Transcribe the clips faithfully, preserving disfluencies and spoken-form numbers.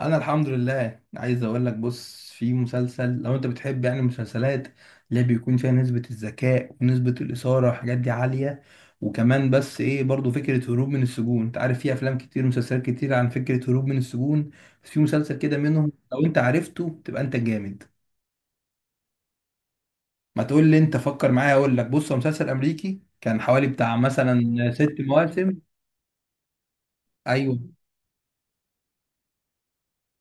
انا الحمد لله، عايز اقول لك بص، في مسلسل لو انت بتحب يعني المسلسلات اللي بيكون فيها نسبة الذكاء ونسبة الإثارة والحاجات دي عالية، وكمان بس ايه برضو فكرة هروب من السجون. انت عارف في افلام كتير ومسلسلات كتير عن فكرة هروب من السجون، بس في مسلسل كده منهم لو انت عرفته تبقى انت جامد. ما تقول لي انت، فكر معايا. اقول لك بص، هو مسلسل امريكي كان حوالي بتاع مثلا ست مواسم. ايوه.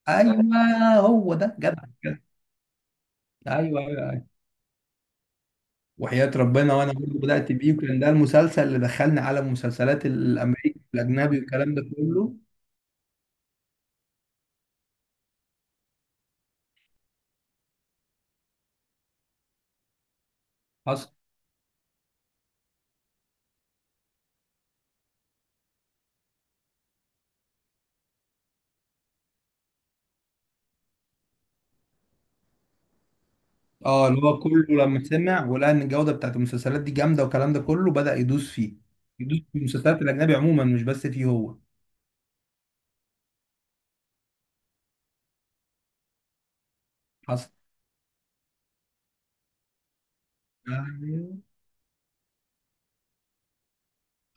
ايوه. هو ده جدع جدع. ايوه، ايوه، أيوه. وحياة ربنا، وانا برضه بدأت بيه، وكان ده المسلسل اللي دخلني على المسلسلات الامريكي والاجنبي والكلام ده كله. حصل. اه، اللي هو كله لما سمع ولقى ان الجودة بتاعت المسلسلات دي جامدة والكلام ده كله بدأ يدوس فيه، يدوس في المسلسلات الاجنبي عموما مش بس فيه هو. حصل.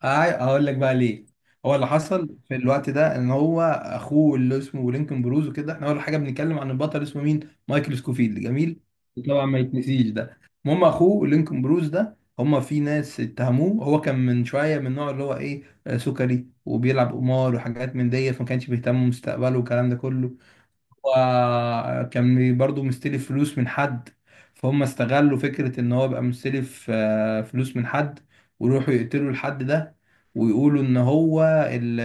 أي- اقول لك بقى ليه. هو اللي حصل في الوقت ده ان هو اخوه اللي اسمه لينكولن بروز وكده. احنا اول حاجه بنتكلم عن البطل اسمه مين؟ مايكل سكوفيلد، جميل. طبعا ما يتنسيش ده. المهم اخوه لينكولن بروز ده، هما في ناس اتهموه. هو كان من شويه من النوع اللي هو ايه، آه، سكري وبيلعب قمار وحاجات من دي، فما كانش بيهتم بمستقبله والكلام ده كله. هو كان برضه مستلف فلوس من حد، فهم استغلوا فكرة ان هو بقى مستلف، آه، فلوس من حد، ويروحوا يقتلوا الحد ده، ويقولوا ان هو اللي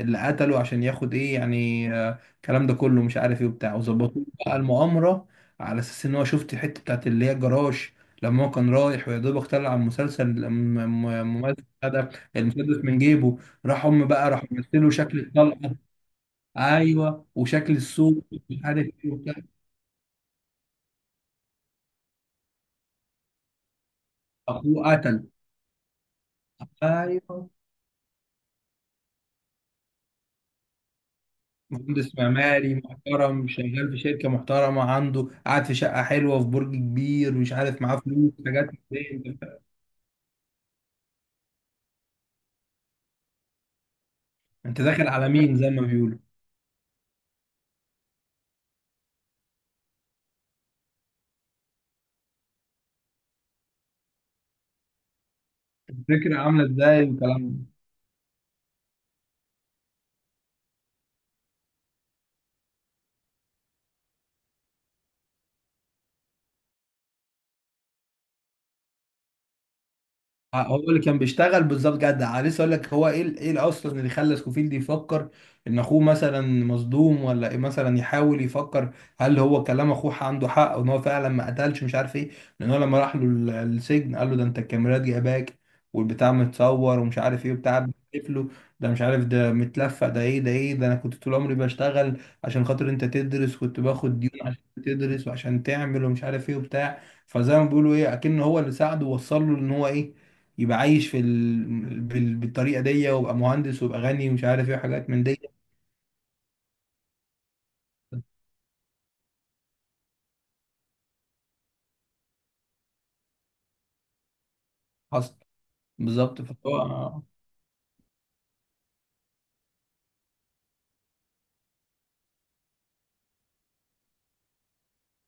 اللي قتله عشان ياخد ايه يعني، آه، الكلام ده كله مش عارف ايه وبتاع، وظبطوا له بقى المؤامرة. على اساس ان هو، شفت الحتة بتاعت اللي هي الجراج، لما هو كان رايح ويا دوبك طلع المسلسل م- م- ممثل ده المسدس من جيبه، راح هم بقى راح مثلوا شكل الطلقة، ايوه وشكل السوق مش عارف ايه وبتاع، اخوه قتل. ايوه. مهندس معماري محترم، شغال في شركه محترمه، عنده قاعد في شقه حلوه في برج كبير، مش عارف معاه فلوس حاجات من دي. انت انت داخل على مين زي ما بيقولوا. الفكره عامله ازاي والكلام ده. آه، هو اللي كان بيشتغل بالظبط، جدع. لسه اقول لك، هو ايه ال- ايه اصلا اللي خلى سكوفيلد يفكر ان اخوه مثلا مصدوم ولا إيه، مثلا يحاول يفكر هل هو كلام اخوه عنده حق وان هو فعلا ما قتلش مش عارف ايه. لان هو لما راح له ال- السجن، قال له ده انت الكاميرات جايباك، والبتاع متصور ومش عارف ايه وبتاع بتلف له ده، مش عارف ده متلفق، ده ايه ده، ايه ده، انا كنت طول عمري بشتغل عشان خاطر انت تدرس، كنت باخد ديون عشان تدرس وعشان تعمل ومش عارف ايه وبتاع. فزي ما بيقولوا ايه، اكن هو اللي ساعده ووصل له ان هو ايه، يبقى عايش في ال... بال... بالطريقه دي ويبقى مهندس ويبقى غني ومش عارف ايه وحاجات من دي. حصل. بالظبط، فهو.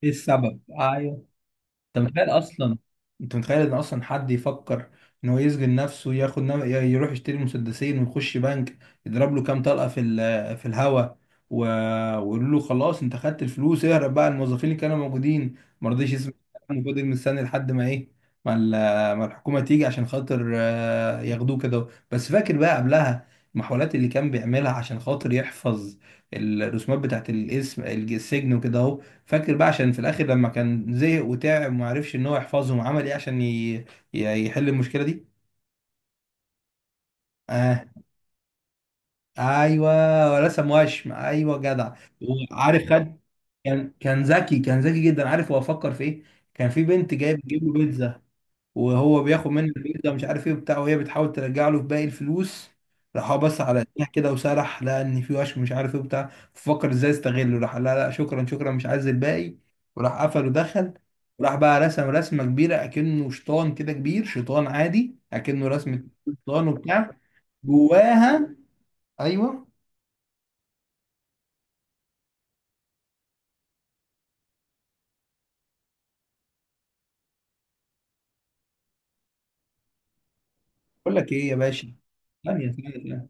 ايه السبب، ايوه. انت متخيل اصلا، انت متخيل ان اصلا حد يفكر ان هو يسجن نفسه، ياخد نم... ي- يروح يشتري مسدسين ويخش بنك، يضرب له كام طلقه في ال... في الهوا و... ويقول له خلاص انت خدت الفلوس اهرب بقى، الموظفين اللي كانوا موجودين ما رضيش يسمع الكلام وفضل مستني لحد ما ايه، ما, ال... ما الحكومه تيجي عشان خاطر، آه، ياخدوه كده. بس فاكر بقى قبلها المحاولات اللي كان بيعملها عشان خاطر يحفظ الرسومات بتاعت الاسم السجن وكده اهو. فاكر بقى عشان في الاخر لما كان زهق وتعب وما عرفش ان هو يحفظهم، عمل ايه عشان ي... ي- يحل المشكله دي. اه. ايوه، رسم وشم، ايوه جدع. وعارف، خد، كان كان ذكي، كان ذكي جدا. عارف هو فكر في ايه؟ كان في بنت جايه بتجيب له بيتزا، وهو بياخد منه البيتزا مش عارف ايه وبتاع، وهي بتحاول ترجع له باقي الفلوس، راح هو بس على ايديها كده وسرح، لقى ان في وشم مش عارف ايه وبتاع، ففكر ازاي يستغله، راح لا لا شكرا شكرا مش عايز الباقي، وراح قفل ودخل، وراح بقى رسم رسمه كبيره اكنه شيطان كده كبير، شيطان عادي اكنه رسمه شيطان وبتاع. جواها. ايوه. بقول لك ايه يا باشا، ثانيه ثانيه ثانية.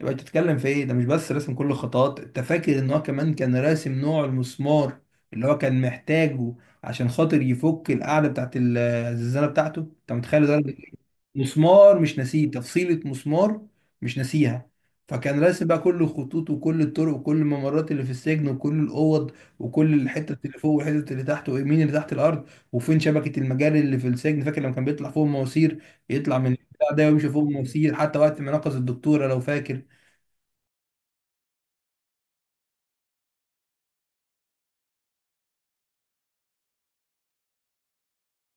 يبقى انت بتتكلم في ايه؟ ده مش بس رسم كل الخطوات، انت فاكر ان هو كمان كان راسم نوع المسمار اللي هو كان محتاجه عشان خاطر يفك القاعده بتاعت ال- الزنزانه بتاعته. انت متخيل درجه ايه؟ مسمار مش ناسيه تفصيله مسمار، مش ناسيها. فكان راسم بقى كل الخطوط وكل الطرق وكل الممرات اللي في السجن وكل الاوض، وكل الحته اللي فوق والحته اللي تحت ومين اللي تحت الارض وفين شبكه المجاري اللي في السجن. فاكر لما كان بيطلع فوق المواسير؟ يطلع من البتاع ده ويمشي فوق المواسير، حتى وقت ما نقص الدكتوره لو فاكر،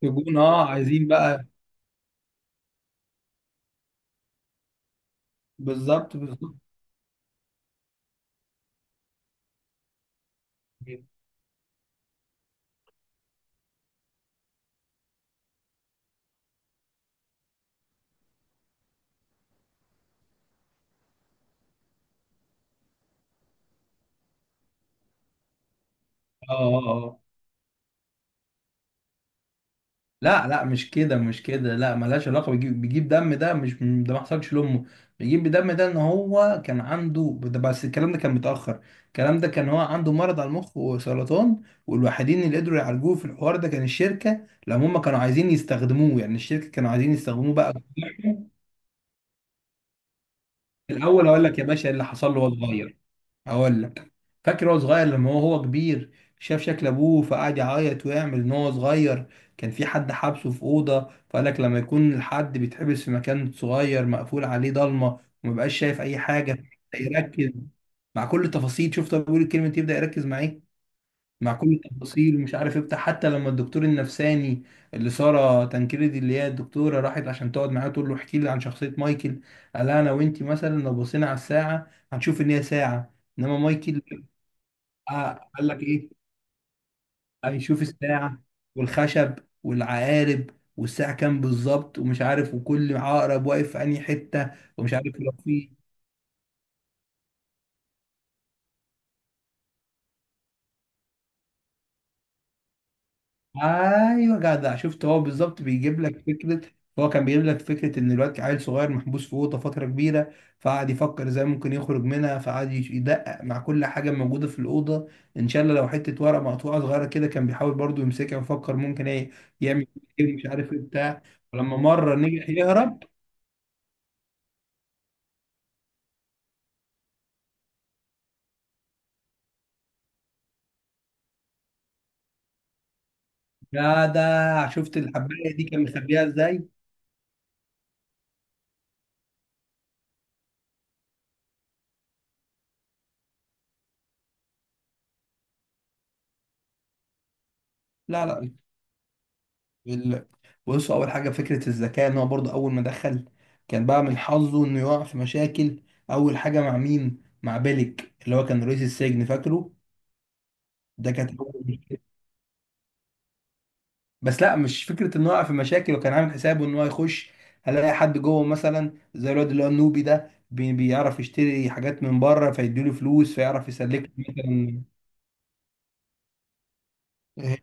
يكون اه عايزين بقى. بالظبط، بالظبط. اه، اه، اه. لا لا، مش كده مش كده، لا ملهاش علاقه بيجيب بيجيب دم، ده مش ده، ما حصلش لامه. بيجيب دم ده ان هو كان عنده ده، بس الكلام ده كان متاخر. الكلام ده كان هو عنده مرض على المخ وسرطان، والوحيدين اللي قدروا يعالجوه في الحوار ده كان الشركه لما هم كانوا عايزين يستخدموه، يعني الشركه كانوا عايزين يستخدموه بقى. في الاول هقول لك يا باشا إيه اللي حصل له وهو صغير. هقول لك، فاكر هو صغير، لما هو هو كبير، شاف شكل ابوه فقعد يعيط ويعمل. ان هو صغير كان في حد حابسه في اوضه، فقال لك لما يكون الحد بيتحبس في مكان صغير مقفول عليه ضلمه ومبقاش شايف اي حاجه، يركز مع كل التفاصيل. شفت هو بيقول الكلمه دي، يبدا يركز معاك مع كل التفاصيل ومش عارف ايه بتاع. حتى لما الدكتور النفساني اللي ساره تنكريدي اللي هي الدكتوره راحت عشان تقعد معاه تقول له احكي لي عن شخصيه مايكل، قال لها انا وانتي مثلا لو بصينا على الساعه هنشوف ان هي ساعه، انما مايكل، آه، قال لك ايه، هنشوف الساعه والخشب والعقارب والساعه كام بالظبط ومش عارف، وكل عقرب واقف في انهي حته ومش عارف لو في. ايوه جدع، شفت هو بالظبط بيجيب لك فكره، هو كان بيجيب لك فكره ان الواد عيل صغير محبوس في اوضه فتره كبيره، فقعد يفكر ازاي ممكن يخرج منها، فقعد يش- يدقق مع كل حاجه موجوده في الاوضه. ان شاء الله لو حته ورقه مقطوعه صغيره كده كان بيحاول برضو يمسكها ويفكر ممكن ايه يعمل، ايه مش عارف ايه بتاع. ولما مره نجح يهرب. جدع، شفت الحبايه دي كان مخبيها ازاي. لا لا ال- بصوا، اول حاجه فكره الذكاء ان هو برضه اول ما دخل كان بقى من حظه انه يقع في مشاكل. اول حاجه مع مين؟ مع بيلك اللي هو كان رئيس السجن، فاكره؟ ده كانت اول مشكله. بس لا مش فكره انه يقع في مشاكل، وكان عامل حسابه ان هو يخش هلاقي حد جوه، مثلا زي الواد اللي هو النوبي ده بي- بيعرف يشتري حاجات من بره، فيديله فلوس فيعرف يسلك له. مثلا؟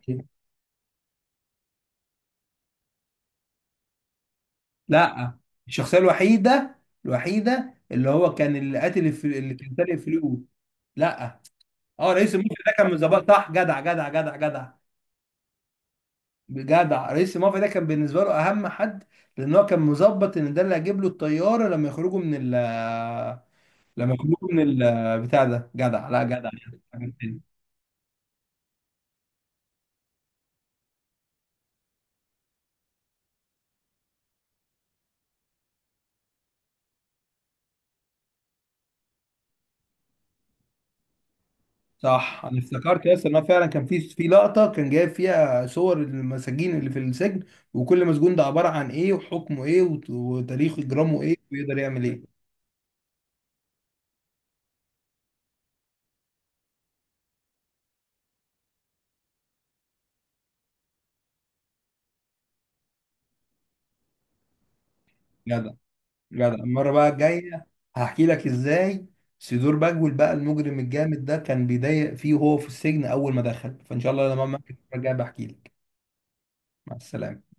لا، الشخصيه الوحيده، الوحيده اللي هو كان، اللي قاتل الف- اللي كان سارق فلوس. لا. اه رئيس المافيا ده كان من ظباط، صح، جدع جدع جدع جدع. جدع، رئيس المافيا ده كان بالنسبه له اهم حد، لان هو كان مظبط ان ده اللي هيجيب له الطياره لما يخرجوا من ال، لما يخرجوا من ال بتاع ده، جدع، لا جدع. حاجة تانية. صح، انا افتكرت يا اسطى، ان هو فعلا كان في في لقطه كان جايب فيها صور المساجين اللي في السجن، وكل مسجون ده عباره عن ايه، وحكمه ايه، وت- وتاريخ اجرامه ايه، ويقدر يعمل ايه. جدع، جدع. المرة بقى الجاية هحكي لك ازاي سيدور بجول بقى، المجرم الجامد ده كان بيضايق فيه وهو في السجن أول ما دخل. فإن شاء الله لما أعمل المرة الجاية بحكي لك. مع السلامة.